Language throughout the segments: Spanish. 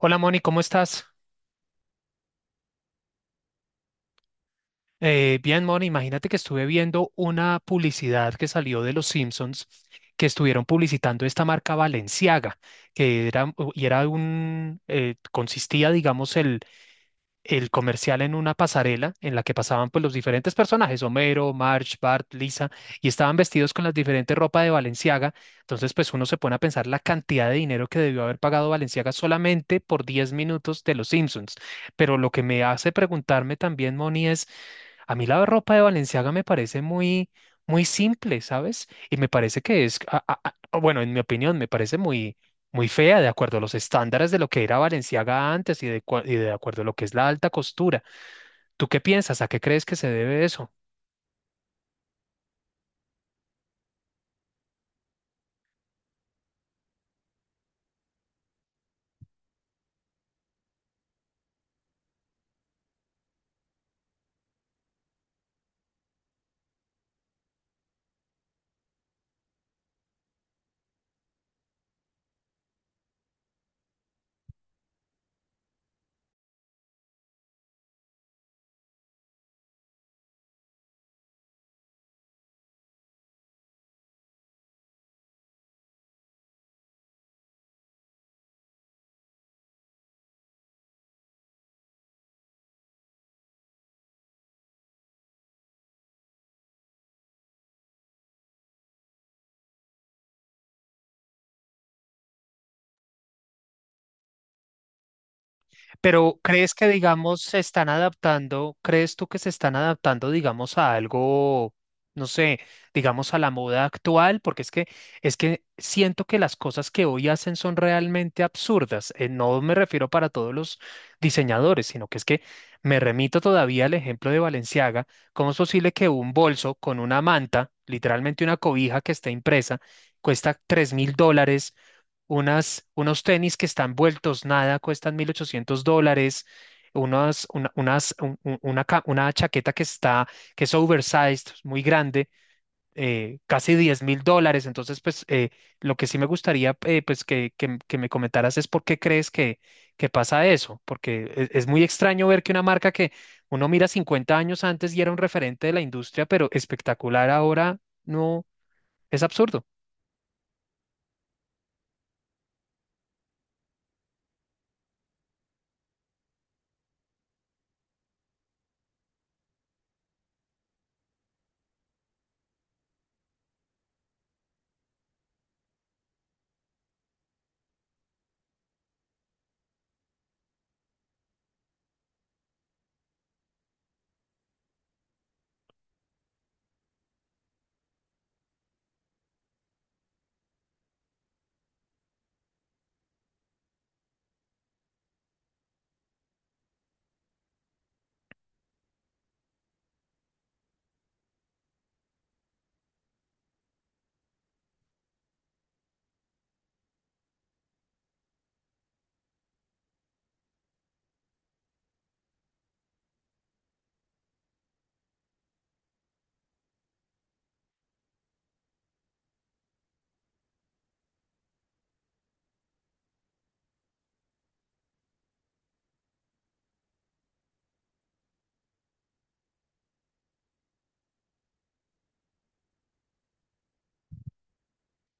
Hola Moni, ¿cómo estás? Bien, Moni, imagínate que estuve viendo una publicidad que salió de los Simpsons que estuvieron publicitando esta marca Balenciaga, que era, y era un, consistía, digamos, el comercial en una pasarela en la que pasaban pues los diferentes personajes, Homero, Marge, Bart, Lisa, y estaban vestidos con las diferentes ropas de Balenciaga. Entonces pues uno se pone a pensar la cantidad de dinero que debió haber pagado Balenciaga solamente por 10 minutos de Los Simpsons. Pero lo que me hace preguntarme también, Moni, es a mí la ropa de Balenciaga me parece muy, muy simple, ¿sabes? Y me parece que es, bueno, en mi opinión, me parece muy, muy fea, de acuerdo a los estándares de lo que era Valenciaga antes y y de acuerdo a lo que es la alta costura. ¿Tú qué piensas? ¿A qué crees que se debe eso? Pero ¿crees que, digamos, se están adaptando? ¿Crees tú que se están adaptando, digamos, a algo, no sé, digamos, a la moda actual? Porque es que siento que las cosas que hoy hacen son realmente absurdas. No me refiero para todos los diseñadores, sino que es que me remito todavía al ejemplo de Balenciaga. ¿Cómo es posible que un bolso con una manta, literalmente una cobija que está impresa, cuesta $3.000? Unas, unos tenis que están vueltos nada, cuestan $1.800, unas, una, unas- un- una, ca- una chaqueta que es oversized, muy grande, casi $10.000. Entonces, pues, lo que sí me gustaría, pues, que me comentaras es por qué crees que pasa eso, porque es muy extraño ver que una marca que uno mira 50 años antes y era un referente de la industria, pero espectacular ahora, no, es absurdo.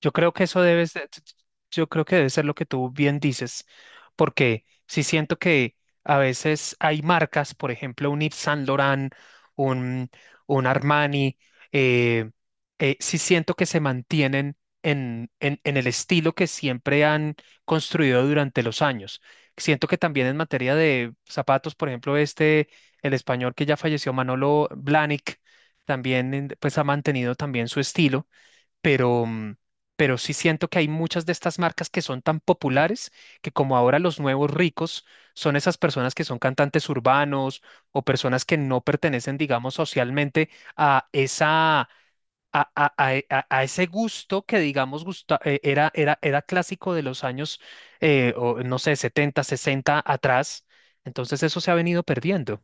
Yo creo que eso debe ser, yo creo que debe ser lo que tú bien dices, porque sí siento que a veces hay marcas, por ejemplo, un Yves Saint Laurent, un, un Armani, eh, sí siento que se mantienen en el estilo que siempre han construido durante los años. Siento que también en materia de zapatos, por ejemplo, este, el español que ya falleció, Manolo Blahnik, también pues ha mantenido también su estilo, pero, mm, pero sí siento que hay muchas de estas marcas que son tan populares que como ahora los nuevos ricos son esas personas que son cantantes urbanos o personas que no pertenecen, digamos, socialmente a esa... A, a- e, a- a ese gusto que, digamos, era clásico de los años, o, no sé, 70 60 atrás. Entonces eso se ha venido perdiendo.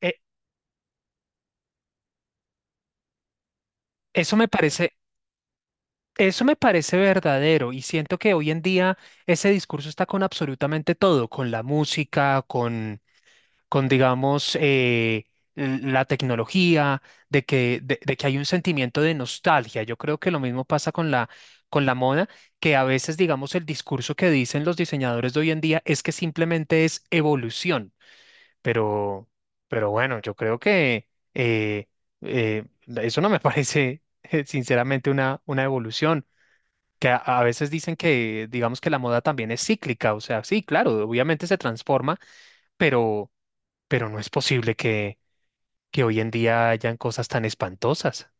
Eh, eso me parece, Eso me parece verdadero y siento que hoy en día ese discurso está con absolutamente todo, con la música, con digamos, la tecnología, de que hay un sentimiento de nostalgia. Yo creo que lo mismo pasa con la, moda, que a veces, digamos, el discurso que dicen los diseñadores de hoy en día es que simplemente es evolución, pero, pero bueno, yo creo que eh, eh, eso no me parece, sinceramente, una evolución, que a veces dicen que, digamos que la moda también es cíclica, o sea, sí, claro, obviamente se transforma, pero, pero no es posible que hoy en día hayan cosas tan espantosas.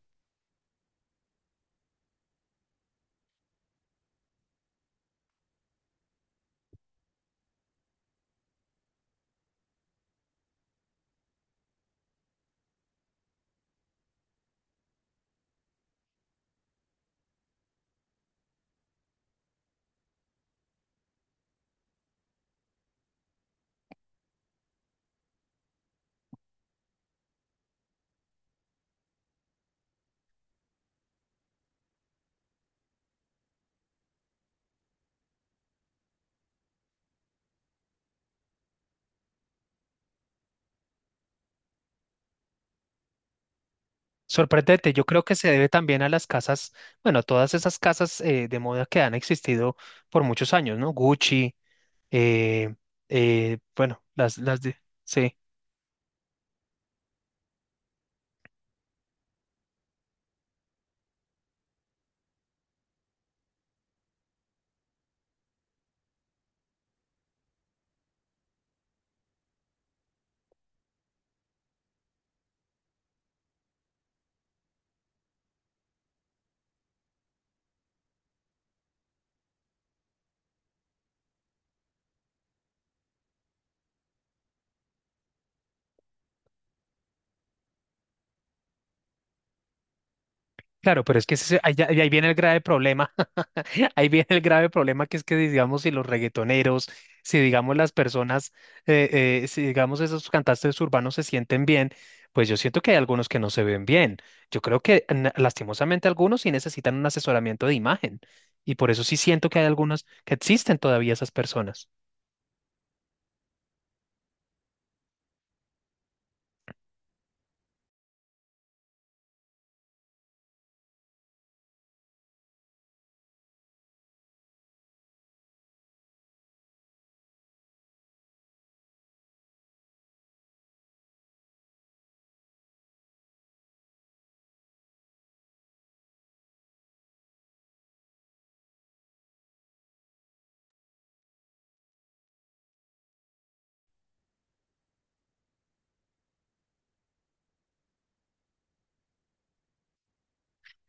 Sorprendente, yo creo que se debe también a las casas, bueno, todas esas casas de moda que han existido por muchos años, ¿no? Gucci, eh, bueno, las de, sí, claro, pero es que ahí viene el grave problema. Ahí viene el grave problema que es que, digamos, si los reggaetoneros, si, digamos, las personas, si, digamos, esos cantantes urbanos se sienten bien, pues yo siento que hay algunos que no se ven bien. Yo creo que lastimosamente algunos sí necesitan un asesoramiento de imagen y por eso sí siento que hay algunos que existen todavía esas personas.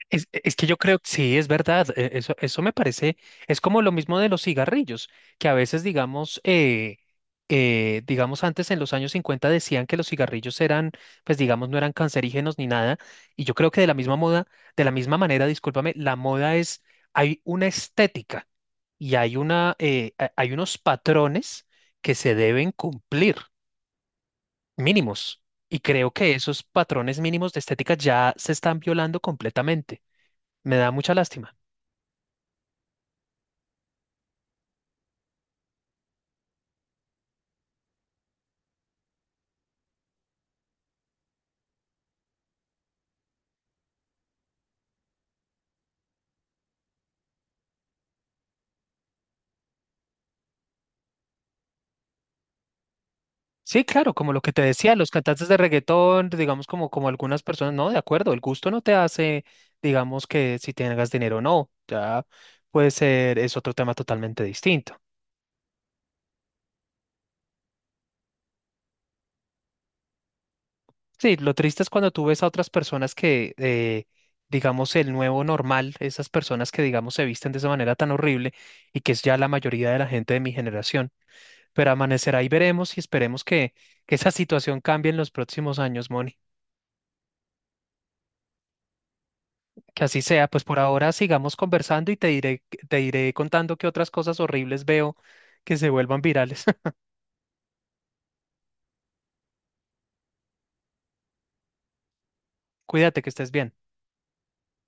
Es que yo creo que sí, es verdad. Eso me parece, es como lo mismo de los cigarrillos, que a veces, digamos, digamos, antes en los años 50 decían que los cigarrillos eran, pues digamos, no eran cancerígenos ni nada. Y yo creo que de la misma moda, de la misma manera, discúlpame, la moda es, hay una estética y hay unos patrones que se deben cumplir, mínimos. Y creo que esos patrones mínimos de estética ya se están violando completamente. Me da mucha lástima. Sí, claro, como lo que te decía, los cantantes de reggaetón, digamos como algunas personas, no, de acuerdo, el gusto no te hace, digamos que si tengas dinero o no, ya puede ser, es otro tema totalmente distinto. Sí, lo triste es cuando tú ves a otras personas que, digamos, el nuevo normal, esas personas que, digamos, se visten de esa manera tan horrible y que es ya la mayoría de la gente de mi generación. Pero amanecerá y veremos y esperemos que esa situación cambie en los próximos años, Moni. Que así sea, pues por ahora sigamos conversando y te iré contando qué otras cosas horribles veo que se vuelvan virales. Cuídate, que estés bien.